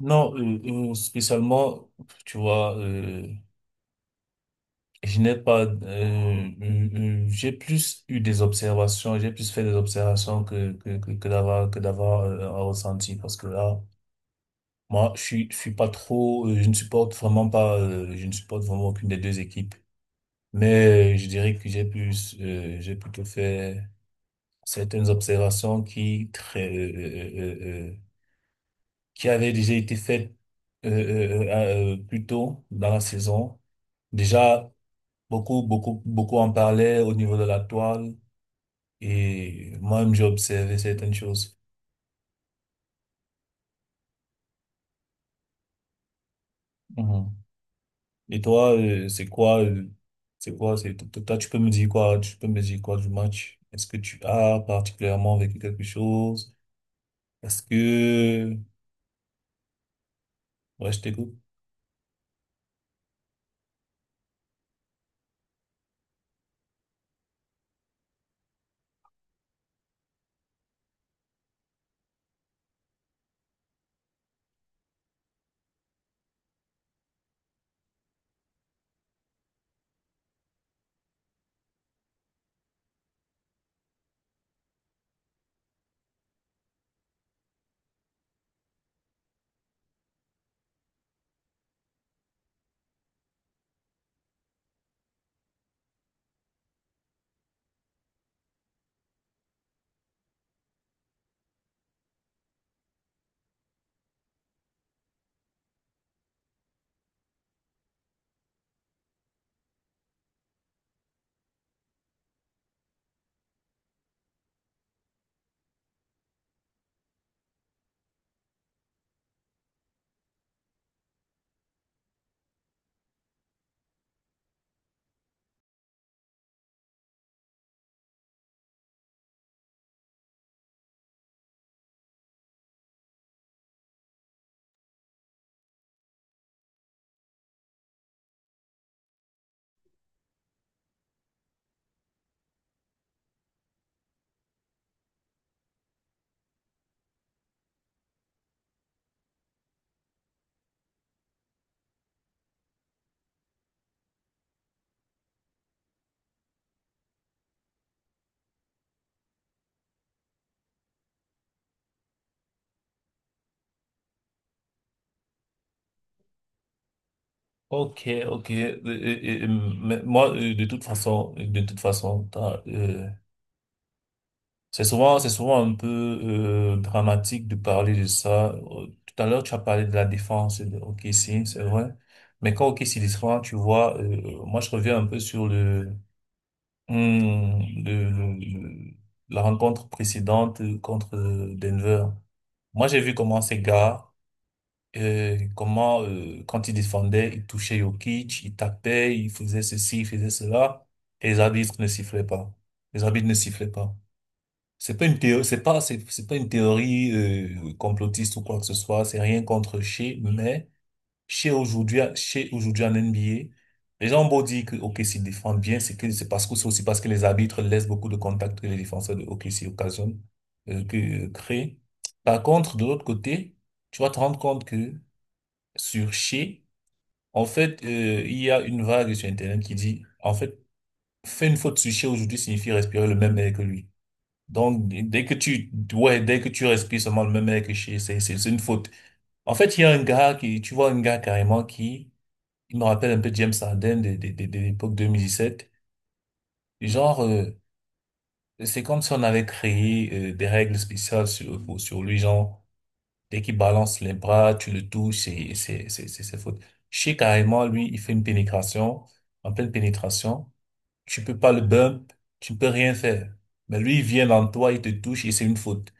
Non, spécialement, tu vois, je n'ai pas, euh, j'ai plus eu des observations, j'ai plus fait des observations que d'avoir un ressenti, parce que là, moi, je suis pas trop, je ne supporte vraiment pas, je ne supporte vraiment aucune des deux équipes, mais je dirais que j'ai plus, j'ai plutôt fait certaines observations qui très euh, euh, qui avait déjà été faite plus tôt dans la saison. Déjà, beaucoup, beaucoup, beaucoup en parlaient au niveau de la toile et moi-même, j'ai observé certaines choses. Mhm. Et toi, c'est quoi, toi, tu peux me dire quoi, tu peux me dire quoi du match? Est-ce que tu as particulièrement vécu quelque chose? Est-ce que, ouais, je t'écoute. Ok, ok. Mais moi, de toute façon, t'as, c'est souvent, c'est souvent un peu dramatique de parler de ça. Tout à l'heure, tu as parlé de la défense de OKC, c'est vrai. Mais quand OKC défend, tu vois, moi je reviens un peu sur le- la rencontre précédente contre Denver. Moi, j'ai vu comment ces gars, comment quand ils défendaient, ils touchaient Jokic, ils tapaient, ils faisaient ceci, ils faisaient cela, et les arbitres ne sifflaient pas. Les arbitres ne sifflaient pas. C'est pas une théorie complotiste ou quoi que ce soit. C'est rien contre Shea, mais Shea aujourd'hui en NBA, les gens ont beau dire que OKC défend bien, c'est que c'est parce que c'est aussi parce que les arbitres laissent beaucoup de contacts que les défenseurs de OKC occasionnent, que créent. Par contre, de l'autre côté, tu vas te rendre compte que sur Shea, en fait, il y a une vague sur Internet qui dit, en fait, faire une faute sur Shea aujourd'hui signifie respirer le même air que lui. Donc, dès que tu respires seulement le même air que chez, c'est une faute. En fait, il y a un gars qui, tu vois, un gars carrément qui, il me rappelle un peu James Harden de l'époque 2017. Genre, c'est comme si on avait créé des règles spéciales sur lui, genre, dès qu'il balance les bras, tu le touches, c'est faute. Chez carrément, lui, il fait une pénétration, en pleine pénétration, tu peux pas le bump, tu peux rien faire. Mais lui, il vient dans toi, il te touche et c'est une faute.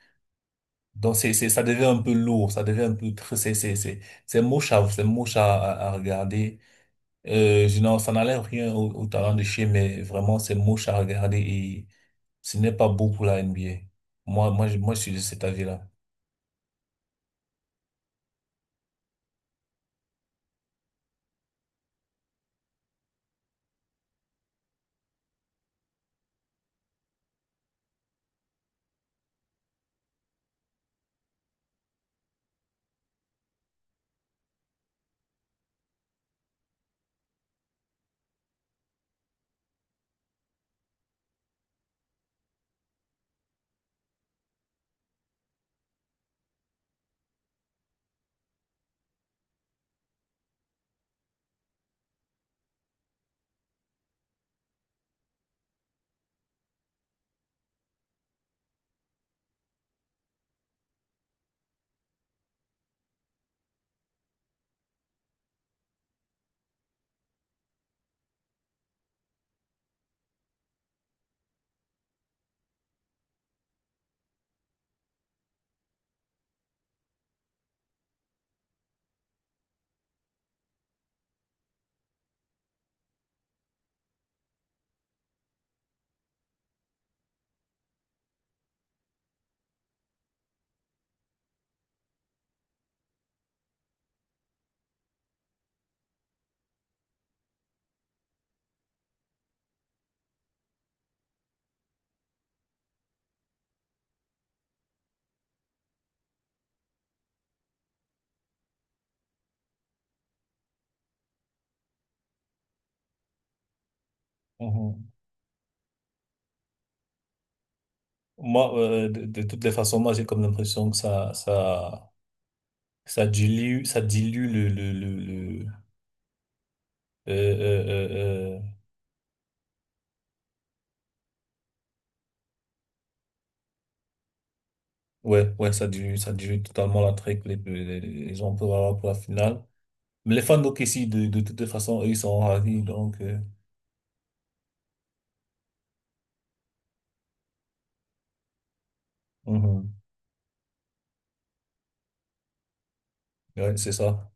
Donc ça devient un peu lourd, ça devient un peu tr- c'est moche à c'est moche à regarder. Je n'en Ça n'enlève rien au talent de chez, mais vraiment c'est moche à regarder et ce n'est pas beau pour la NBA. Moi je suis de cet avis-là. Mhm. Moi de toutes les façons moi j'ai comme l'impression que ça dilue le euh, euh, euh, euh, ouais ouais ça dilue totalement l'attrait que les gens peuvent avoir pour la finale. Les fans ici, de toutes les façons, eux, ils sont ravis, donc, mhm. Ouais, c'est ça.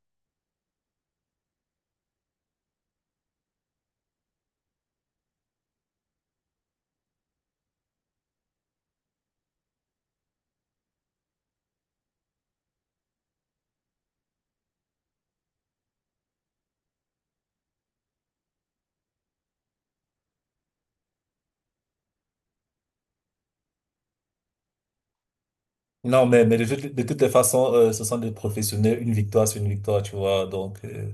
Non, mais de toutes les façons, ce sont des professionnels, une victoire, c'est une victoire, tu vois, donc,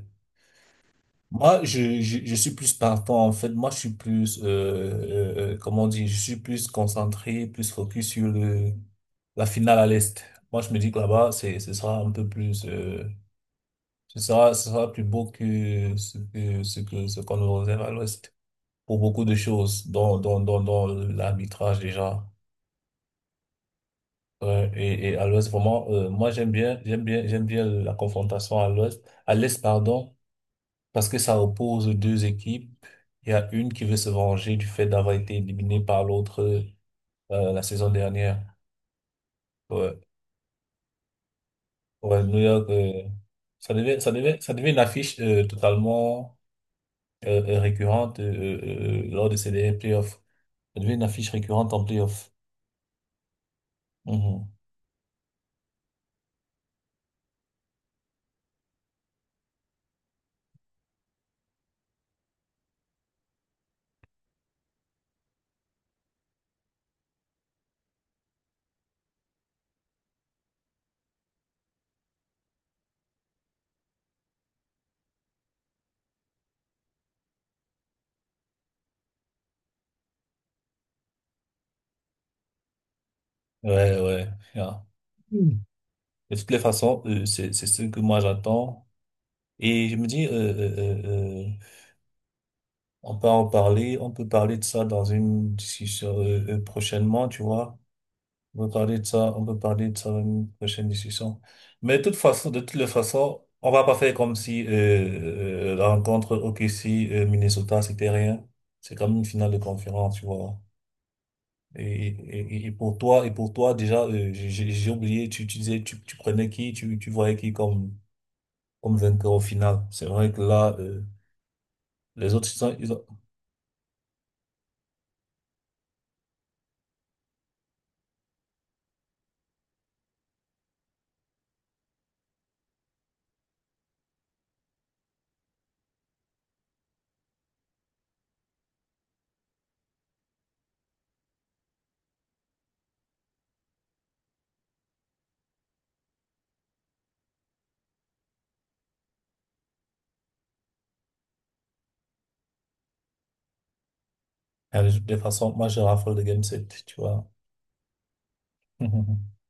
moi, je suis plus partant, en fait, moi, je suis plus, comment on dit, je suis plus concentré, plus focus sur le, la finale à l'Est. Moi, je me dis que là-bas, ce sera un peu plus, ce sera plus beau que ce qu'on nous réserve à l'Ouest. Pour beaucoup de choses, dont l'arbitrage déjà. Et à l'Ouest, vraiment, moi j'aime bien la confrontation à l'Ouest, à l'Est, pardon, parce que ça oppose deux équipes. Il y a une qui veut se venger du fait d'avoir été éliminée par l'autre la saison dernière. Ouais, ouais, New York, ça devait une affiche totalement récurrente lors de ces derniers playoffs. Ça devait une affiche récurrente en playoffs. Mhm. Ouais, ouais. Yeah. Mm. De toutes les façons, c'est ce que moi j'attends. Et je me dis, euh, euh, on peut en parler, on peut parler de ça dans une discussion prochainement, tu vois. On peut parler de ça, on peut parler de ça dans une prochaine discussion. Mais de toutes les façons, on va pas faire comme si la rencontre OKC Minnesota c'était rien. C'est comme une finale de conférence, tu vois. Et pour toi, et pour toi, déjà, j'ai oublié, tu disais, tu prenais qui, tu voyais qui comme, comme vainqueur au final. C'est vrai que là, les autres, ils ont, Ah, de toute façon, moi, je raffole de Game 7, tu vois.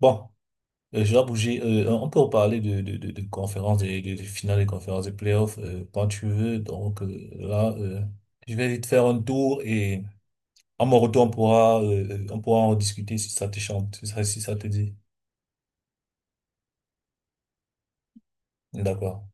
Bon, je dois bouger. On peut parler de conférences, des finales des conférences des playoffs, quand tu veux. Donc, je vais vite faire un tour et à mon retour, on pourra en discuter si ça te chante, si ça te dit. D'accord.